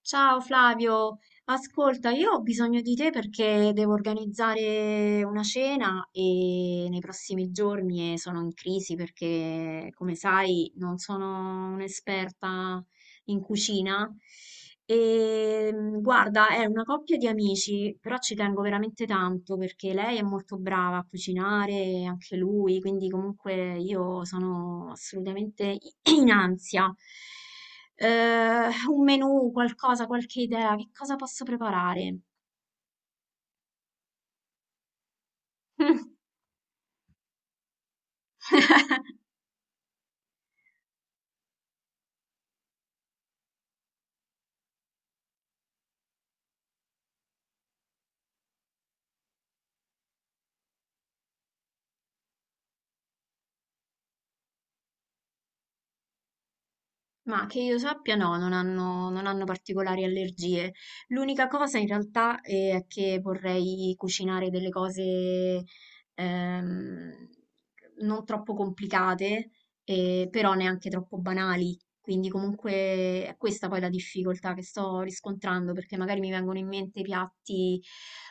Ciao Flavio, ascolta, io ho bisogno di te perché devo organizzare una cena e nei prossimi giorni e sono in crisi perché, come sai, non sono un'esperta in cucina. E guarda, è una coppia di amici, però ci tengo veramente tanto perché lei è molto brava a cucinare, e anche lui, quindi comunque io sono assolutamente in ansia. Un menù, qualcosa, qualche idea, che cosa posso preparare? Ma che io sappia, no, non hanno particolari allergie. L'unica cosa in realtà è che vorrei cucinare delle cose ehm, non troppo complicate, però neanche troppo banali. Quindi comunque è questa poi la difficoltà che sto riscontrando, perché magari mi vengono in mente piatti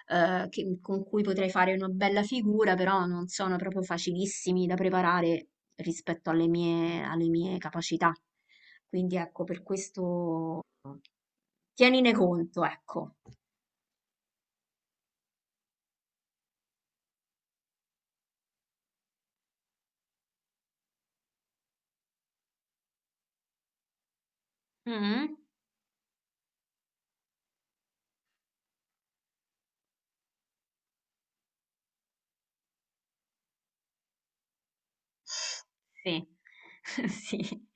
con cui potrei fare una bella figura, però non sono proprio facilissimi da preparare rispetto alle mie capacità. Quindi ecco, per questo tienine conto, ecco. Mm. Sì, sì,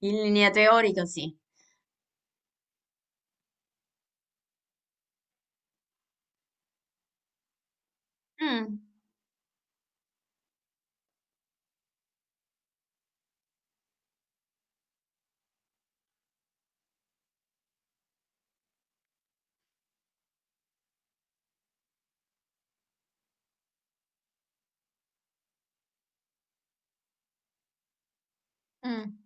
in linea teorica sì. Mm, mm.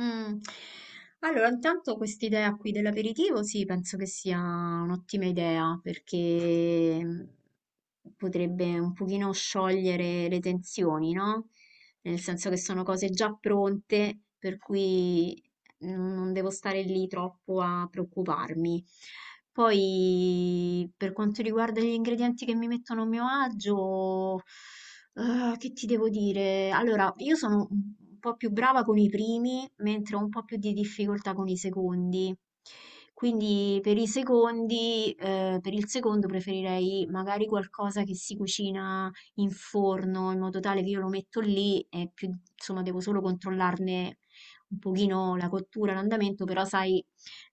Mm. Allora, intanto quest'idea qui dell'aperitivo, sì, penso che sia un'ottima idea perché potrebbe un pochino sciogliere le tensioni, no? Nel senso che sono cose già pronte, per cui non devo stare lì troppo a preoccuparmi. Poi, per quanto riguarda gli ingredienti che mi mettono a mio agio, ah, che ti devo dire? Allora, io sono un po' più brava con i primi, mentre ho un po' più di difficoltà con i secondi. Quindi per il secondo preferirei magari qualcosa che si cucina in forno, in modo tale che io lo metto lì e più, insomma, devo solo controllarne un pochino la cottura, l'andamento, però sai,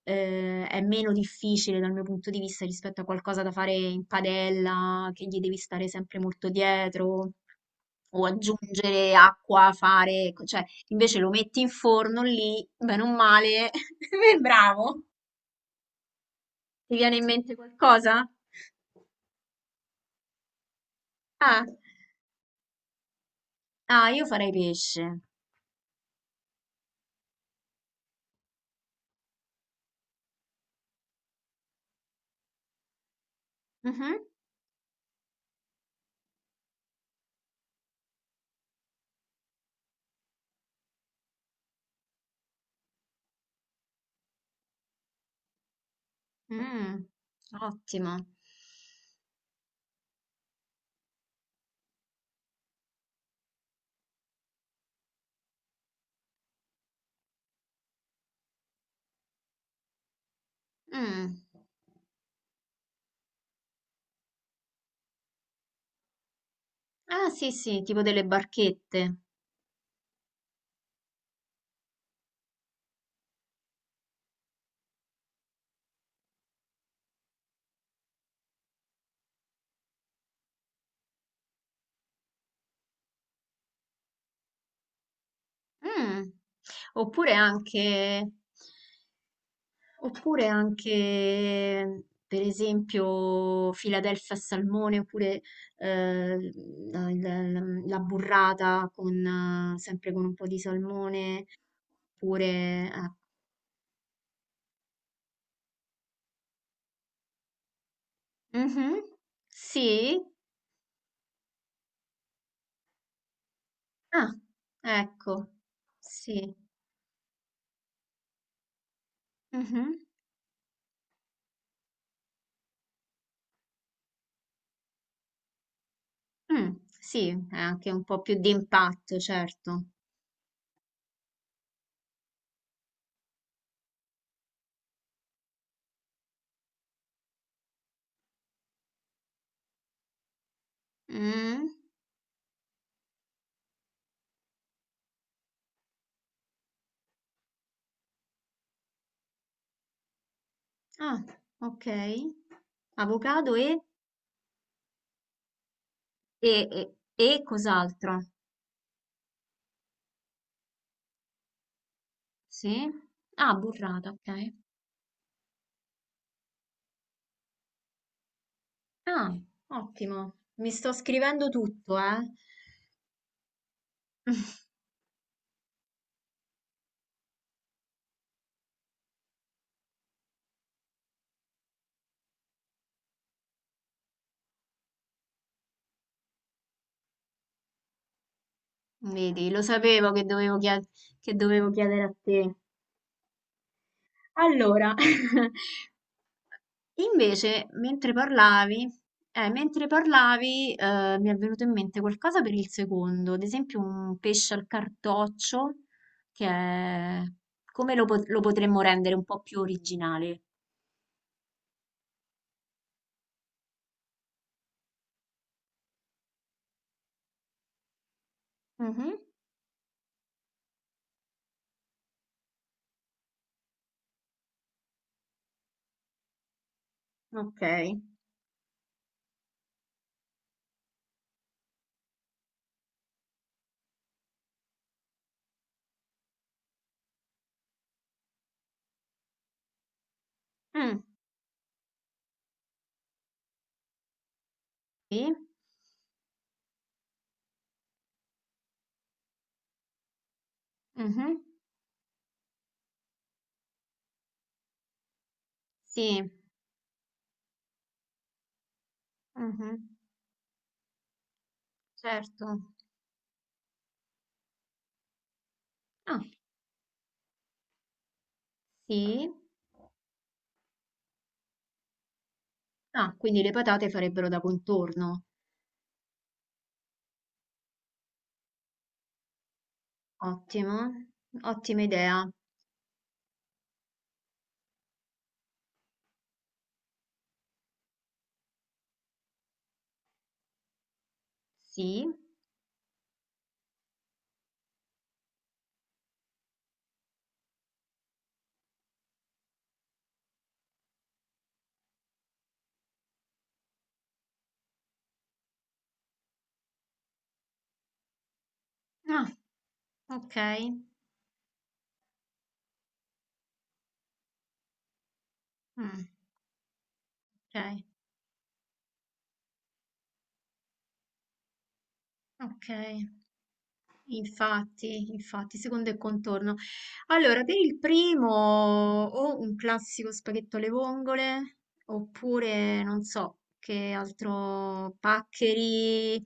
è meno difficile dal mio punto di vista rispetto a qualcosa da fare in padella, che gli devi stare sempre molto dietro, o aggiungere acqua, fare, cioè invece lo metti in forno lì, bene o male, bravo. Ti viene in mente qualcosa? Ah, ah, io farei pesce. Mhm. Mm, ottimo. Mm. Ah, sì, sì, tipo delle barchette. Mm. Oppure anche, Oppure anche, per esempio, Philadelphia al salmone, oppure eh, la, la- la burrata con, sempre con un po' di salmone, oppure... ah, mhm, sì? Ah, ecco, sì. Mhm, mm, sì, è anche un po' più di impatto, certo. Mm, ah, ok. Avocado e, e e cos'altro? Sì? Ah, burrata, ok. Ah, ottimo. Mi sto scrivendo tutto, eh. Vedi, lo sapevo che dovevo, chied- che dovevo chiedere a te. Allora, invece, mentre parlavi, mentre parlavi, mi è venuto in mente qualcosa per il secondo, ad esempio un pesce al cartoccio, che è... lo potremmo rendere un po' più originale? Mhm, ok. Mm, sì. Mhm. Sì, mhm, certo. Ah, sì. Ah, quindi le patate farebbero da contorno. Ottimo, ottima idea. Sì. Ah, ok. Mm, ok, ok. Infatti, infatti, secondo il contorno. Allora, per il primo o un classico spaghetto alle vongole, oppure non so che altro, paccheri,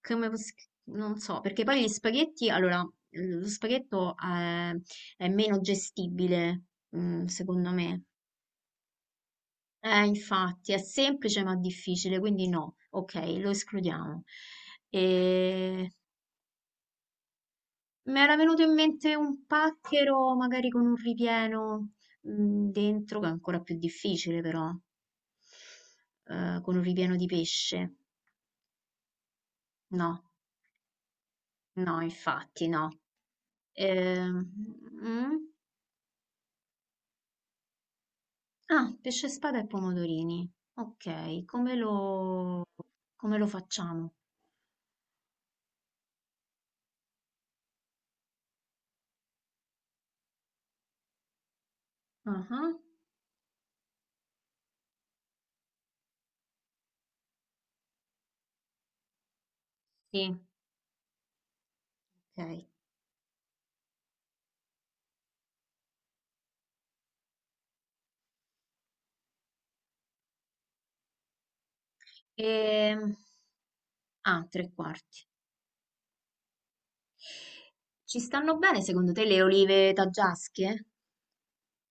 come, pos- non so, perché poi gli spaghetti, allora, lo spaghetto è, è meno gestibile, mm, secondo me. Infatti, è semplice ma difficile, quindi no, ok, lo escludiamo. E... Mi era venuto in mente un pacchero, magari con un ripieno dentro, che è ancora più difficile però, eh, con un ripieno di pesce. No, no, infatti no. Ehm, mm? Ah, pesce spada e pomodorini. Ok, come lo facciamo? Ah, ah, sì, ok. Ehm, ah, tre quarti. Ci stanno bene secondo te le olive taggiasche?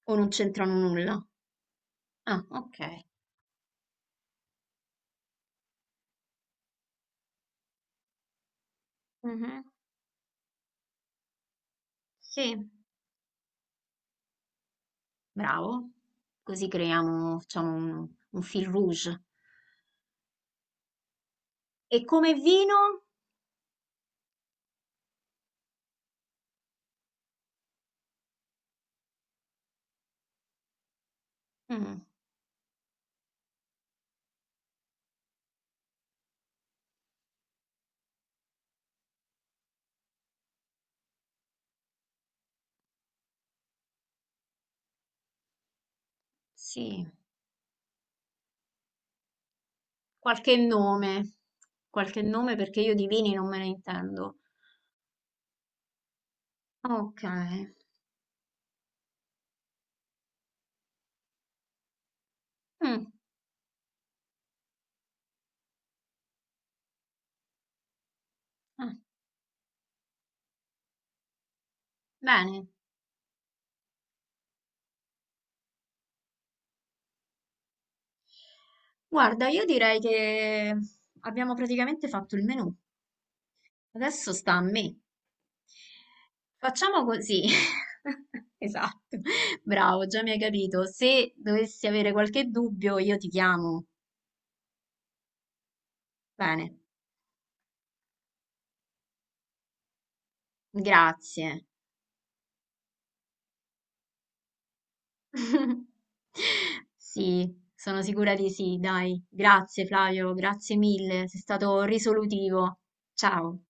O non c'entrano nulla? Ah, okay. Mh-mh. Sì. Bravo. Così creiamo facciamo un fil rouge. E come vino? Mh, sì, qualche nome. Qualche nome perché io di vini non me ne intendo. Okay. Mh, ah, bene. Guarda, io direi che abbiamo praticamente fatto il menù. Adesso sta a me. Facciamo così. Esatto, bravo, già mi hai capito. Se dovessi avere qualche dubbio, io ti chiamo. Bene, grazie. Sì, sono sicura di sì, dai. Grazie Flavio, grazie mille, sei stato risolutivo. Ciao.